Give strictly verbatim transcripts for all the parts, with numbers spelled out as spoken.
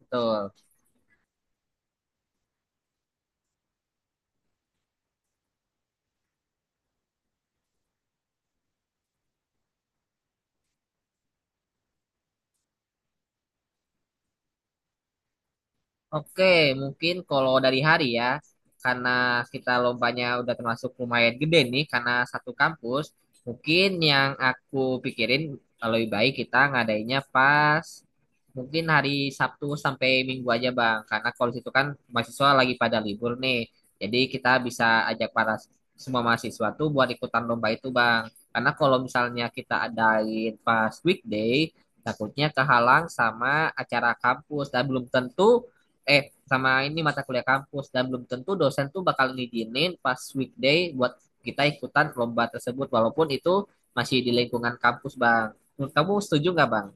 Betul. Oke, mungkin kalau dari hari ya, karena kita lombanya udah termasuk lumayan gede nih, karena satu kampus, mungkin yang aku pikirin lebih baik kita ngadainnya pas mungkin hari Sabtu sampai Minggu aja Bang, karena kalau di situ kan mahasiswa lagi pada libur nih, jadi kita bisa ajak para semua mahasiswa tuh buat ikutan lomba itu Bang, karena kalau misalnya kita adain pas weekday, takutnya kehalang sama acara kampus dan belum tentu eh sama ini mata kuliah kampus dan belum tentu dosen tuh bakal ngizinin pas weekday buat kita ikutan lomba tersebut walaupun itu masih di lingkungan kampus bang. Menurut kamu setuju nggak bang?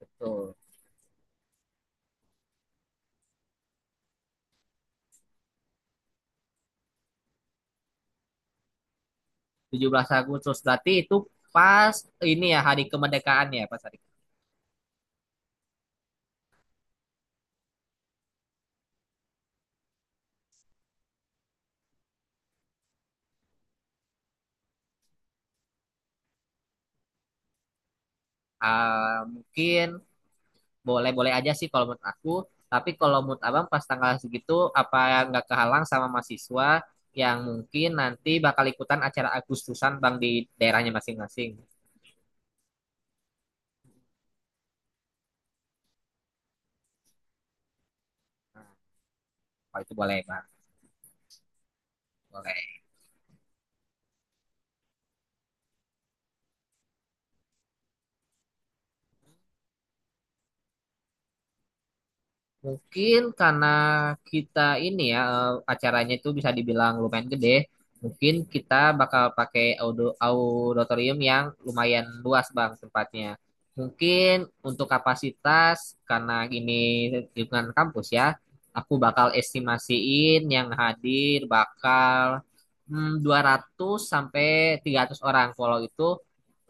Betul. Tujuh belas Agustus berarti itu pas ini ya hari kemerdekaan ya pas hari. Ah, mungkin boleh-boleh aja sih kalau menurut aku. Tapi kalau menurut abang pas tanggal segitu apa nggak kehalang sama mahasiswa yang mungkin nanti bakal ikutan acara Agustusan bang di daerahnya masing-masing. Kalau itu boleh bang. Oke. Mungkin karena kita ini ya eh, acaranya itu bisa dibilang lumayan gede, mungkin kita bakal pakai audo- auditorium yang lumayan luas Bang tempatnya. Mungkin untuk kapasitas karena ini lingkungan kampus ya, aku bakal estimasiin yang hadir bakal hmm, dua ratus sampai tiga ratus orang kalau itu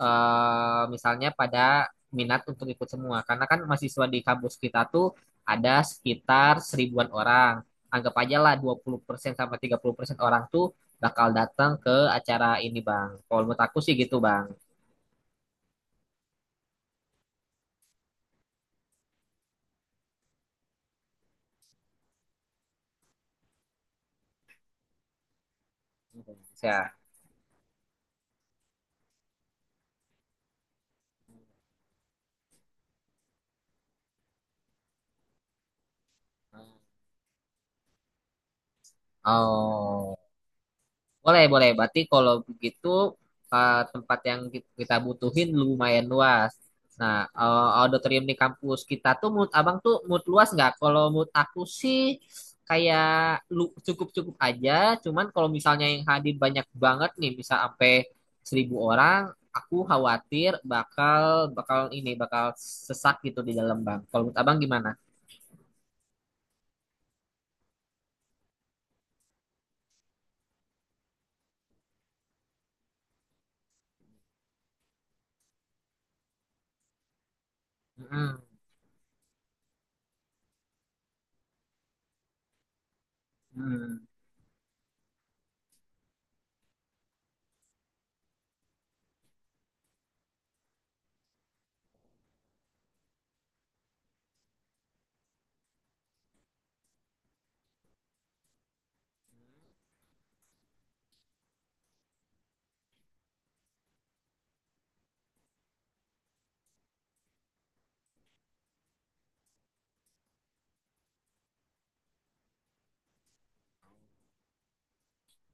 eh, misalnya pada minat untuk ikut semua karena kan mahasiswa di kampus kita tuh ada sekitar seribuan orang. Anggap aja lah dua puluh persen sampai tiga puluh persen orang tuh bakal datang ke acara ini, Bang. Kalau menurut aku sih gitu, Bang. Ya. Oh. Boleh, boleh. Berarti kalau begitu eh, tempat yang ki- kita butuhin lumayan luas. Nah, eh, auditorium di kampus kita tuh menurut abang tuh menurut luas nggak? Kalau menurut aku sih kayak lu cukup-cukup aja. Cuman kalau misalnya yang hadir banyak banget nih, misal sampai seribu orang, aku khawatir bakal bakal ini bakal sesak gitu di dalam bang. Kalau menurut abang gimana? Mm-mm. Mm.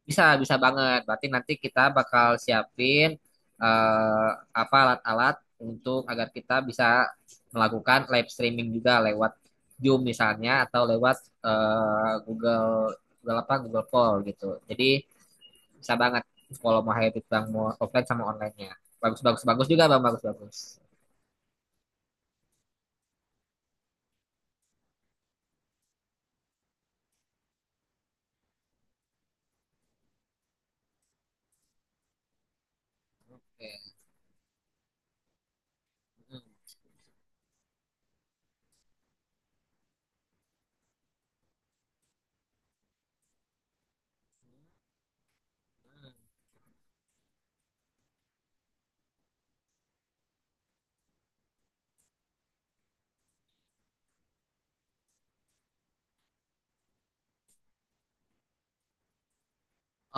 Bisa, bisa banget. Berarti nanti kita bakal siapin eh, apa alat-alat untuk agar kita bisa melakukan live streaming juga lewat Zoom misalnya atau lewat eh, Google Google apa Google Call gitu. Jadi bisa banget kalau mau hybrid bang mau offline sama online-nya. Bagus bagus bagus juga bang bagus bagus. Oke. Hmm.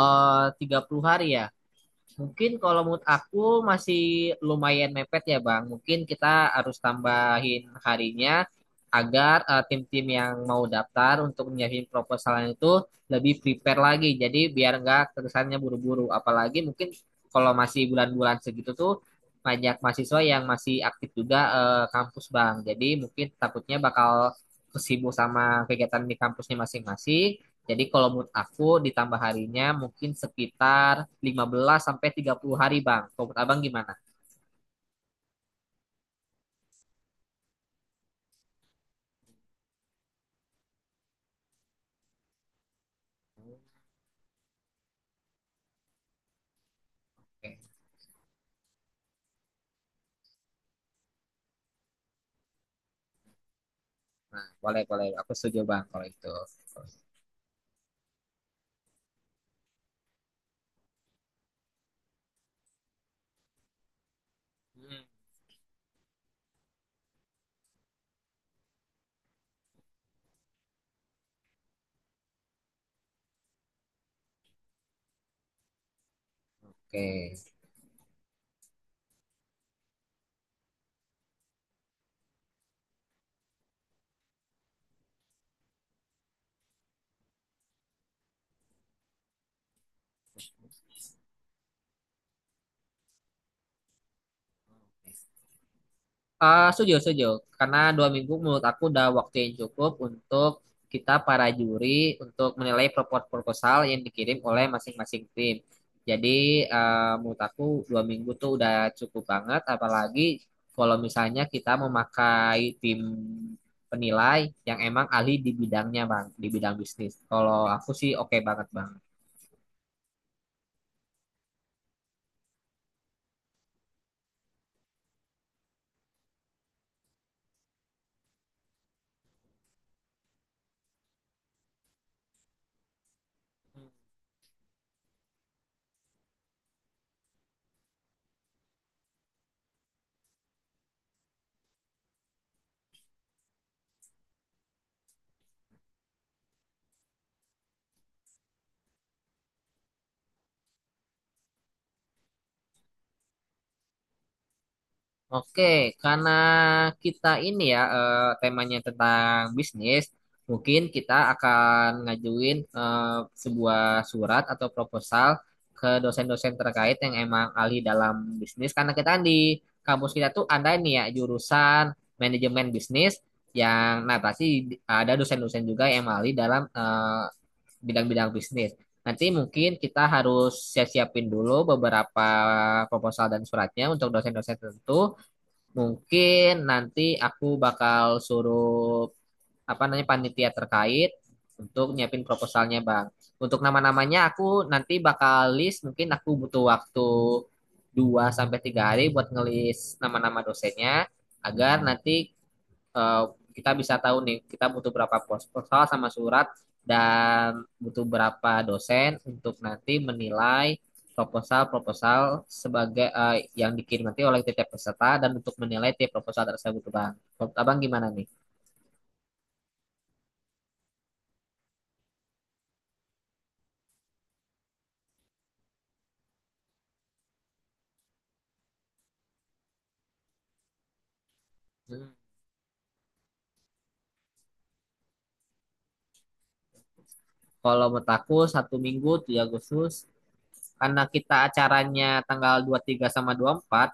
Eh, tiga puluh hari ya. Mungkin kalau menurut aku masih lumayan mepet ya Bang. Mungkin kita harus tambahin harinya agar eh, tim-tim yang mau daftar untuk menyiapin proposalnya itu lebih prepare lagi. Jadi biar nggak terkesannya buru-buru. Apalagi mungkin kalau masih bulan-bulan segitu tuh banyak mahasiswa yang masih aktif juga eh, kampus Bang. Jadi mungkin takutnya bakal sibuk sama kegiatan di kampusnya masing-masing. Jadi kalau menurut aku ditambah harinya mungkin sekitar lima belas sampai tiga puluh hari, Bang. Kalau menurut Abang gimana? Oke, boleh, boleh. Aku setuju, Bang, kalau itu. Hmm. Oke. Ah, setuju, setuju. Karena dua minggu menurut aku udah waktu yang cukup untuk kita para juri untuk menilai proposal proposal yang dikirim oleh masing-masing tim. Jadi, eh, menurut aku dua minggu tuh udah cukup banget. Apalagi kalau misalnya kita memakai tim penilai yang emang ahli di bidangnya, Bang, di bidang bisnis. Kalau aku sih oke banget, Bang. Oke, karena kita ini ya eh, temanya tentang bisnis, mungkin kita akan ngajuin eh, sebuah surat atau proposal ke dosen-dosen terkait yang emang ahli dalam bisnis. Karena kita kan di kampus kita tuh ada nih ya jurusan manajemen bisnis yang nah pasti ada dosen-dosen juga yang emang ahli dalam eh, bidang-bidang bisnis. Nanti mungkin kita harus siap-siapin dulu beberapa proposal dan suratnya untuk dosen-dosen tertentu. Mungkin nanti aku bakal suruh apa namanya panitia terkait untuk nyiapin proposalnya, Bang. Untuk nama-namanya aku nanti bakal list, mungkin aku butuh waktu dua sampai tiga hari buat ngelis nama-nama dosennya agar nanti eh, kita bisa tahu nih kita butuh berapa pos proposal sama surat dan butuh berapa dosen untuk nanti menilai proposal-proposal sebagai eh, yang dikirim nanti oleh tiap peserta dan untuk menilai tiap proposal tersebut bang. Menurut abang gimana nih? Hmm. Kalau menurut aku satu minggu tiga Agustus karena kita acaranya tanggal dua puluh tiga sama dua puluh empat.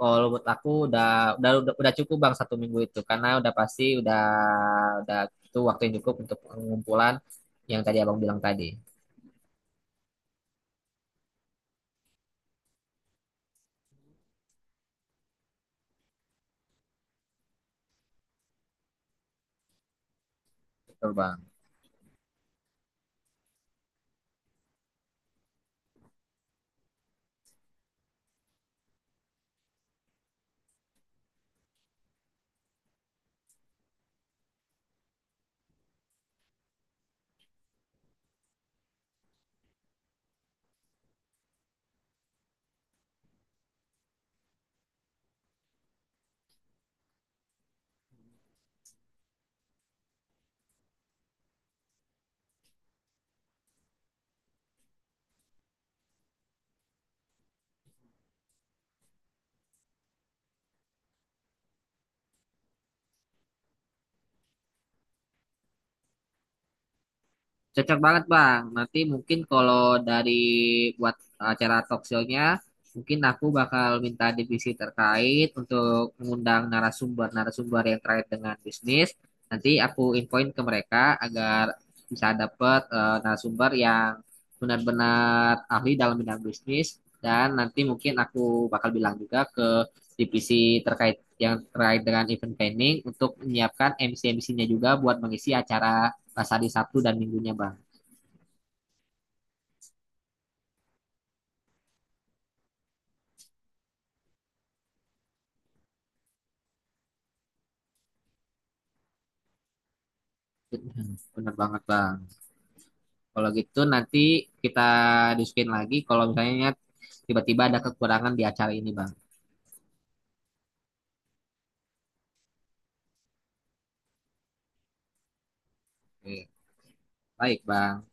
Kalau menurut aku udah udah udah, udah cukup bang satu minggu itu karena udah pasti udah udah itu waktu yang cukup untuk pengumpulan yang tadi abang bilang tadi. Betul bang. Cocok banget Bang. Nanti mungkin kalau dari buat acara talk show-nya, mungkin aku bakal minta divisi terkait untuk mengundang narasumber-narasumber yang terkait dengan bisnis. Nanti aku infoin ke mereka agar bisa dapat eh, narasumber yang benar-benar ahli dalam bidang bisnis. Dan nanti mungkin aku bakal bilang juga ke divisi terkait yang terkait dengan event planning untuk menyiapkan M C-M C-nya juga buat mengisi acara pas hari Sabtu dan Minggunya, Bang. Bener banget bang. Kalau gitu nanti kita diskusin lagi kalau misalnya tiba-tiba ada kekurangan di acara ini bang. Oke. Baik bang.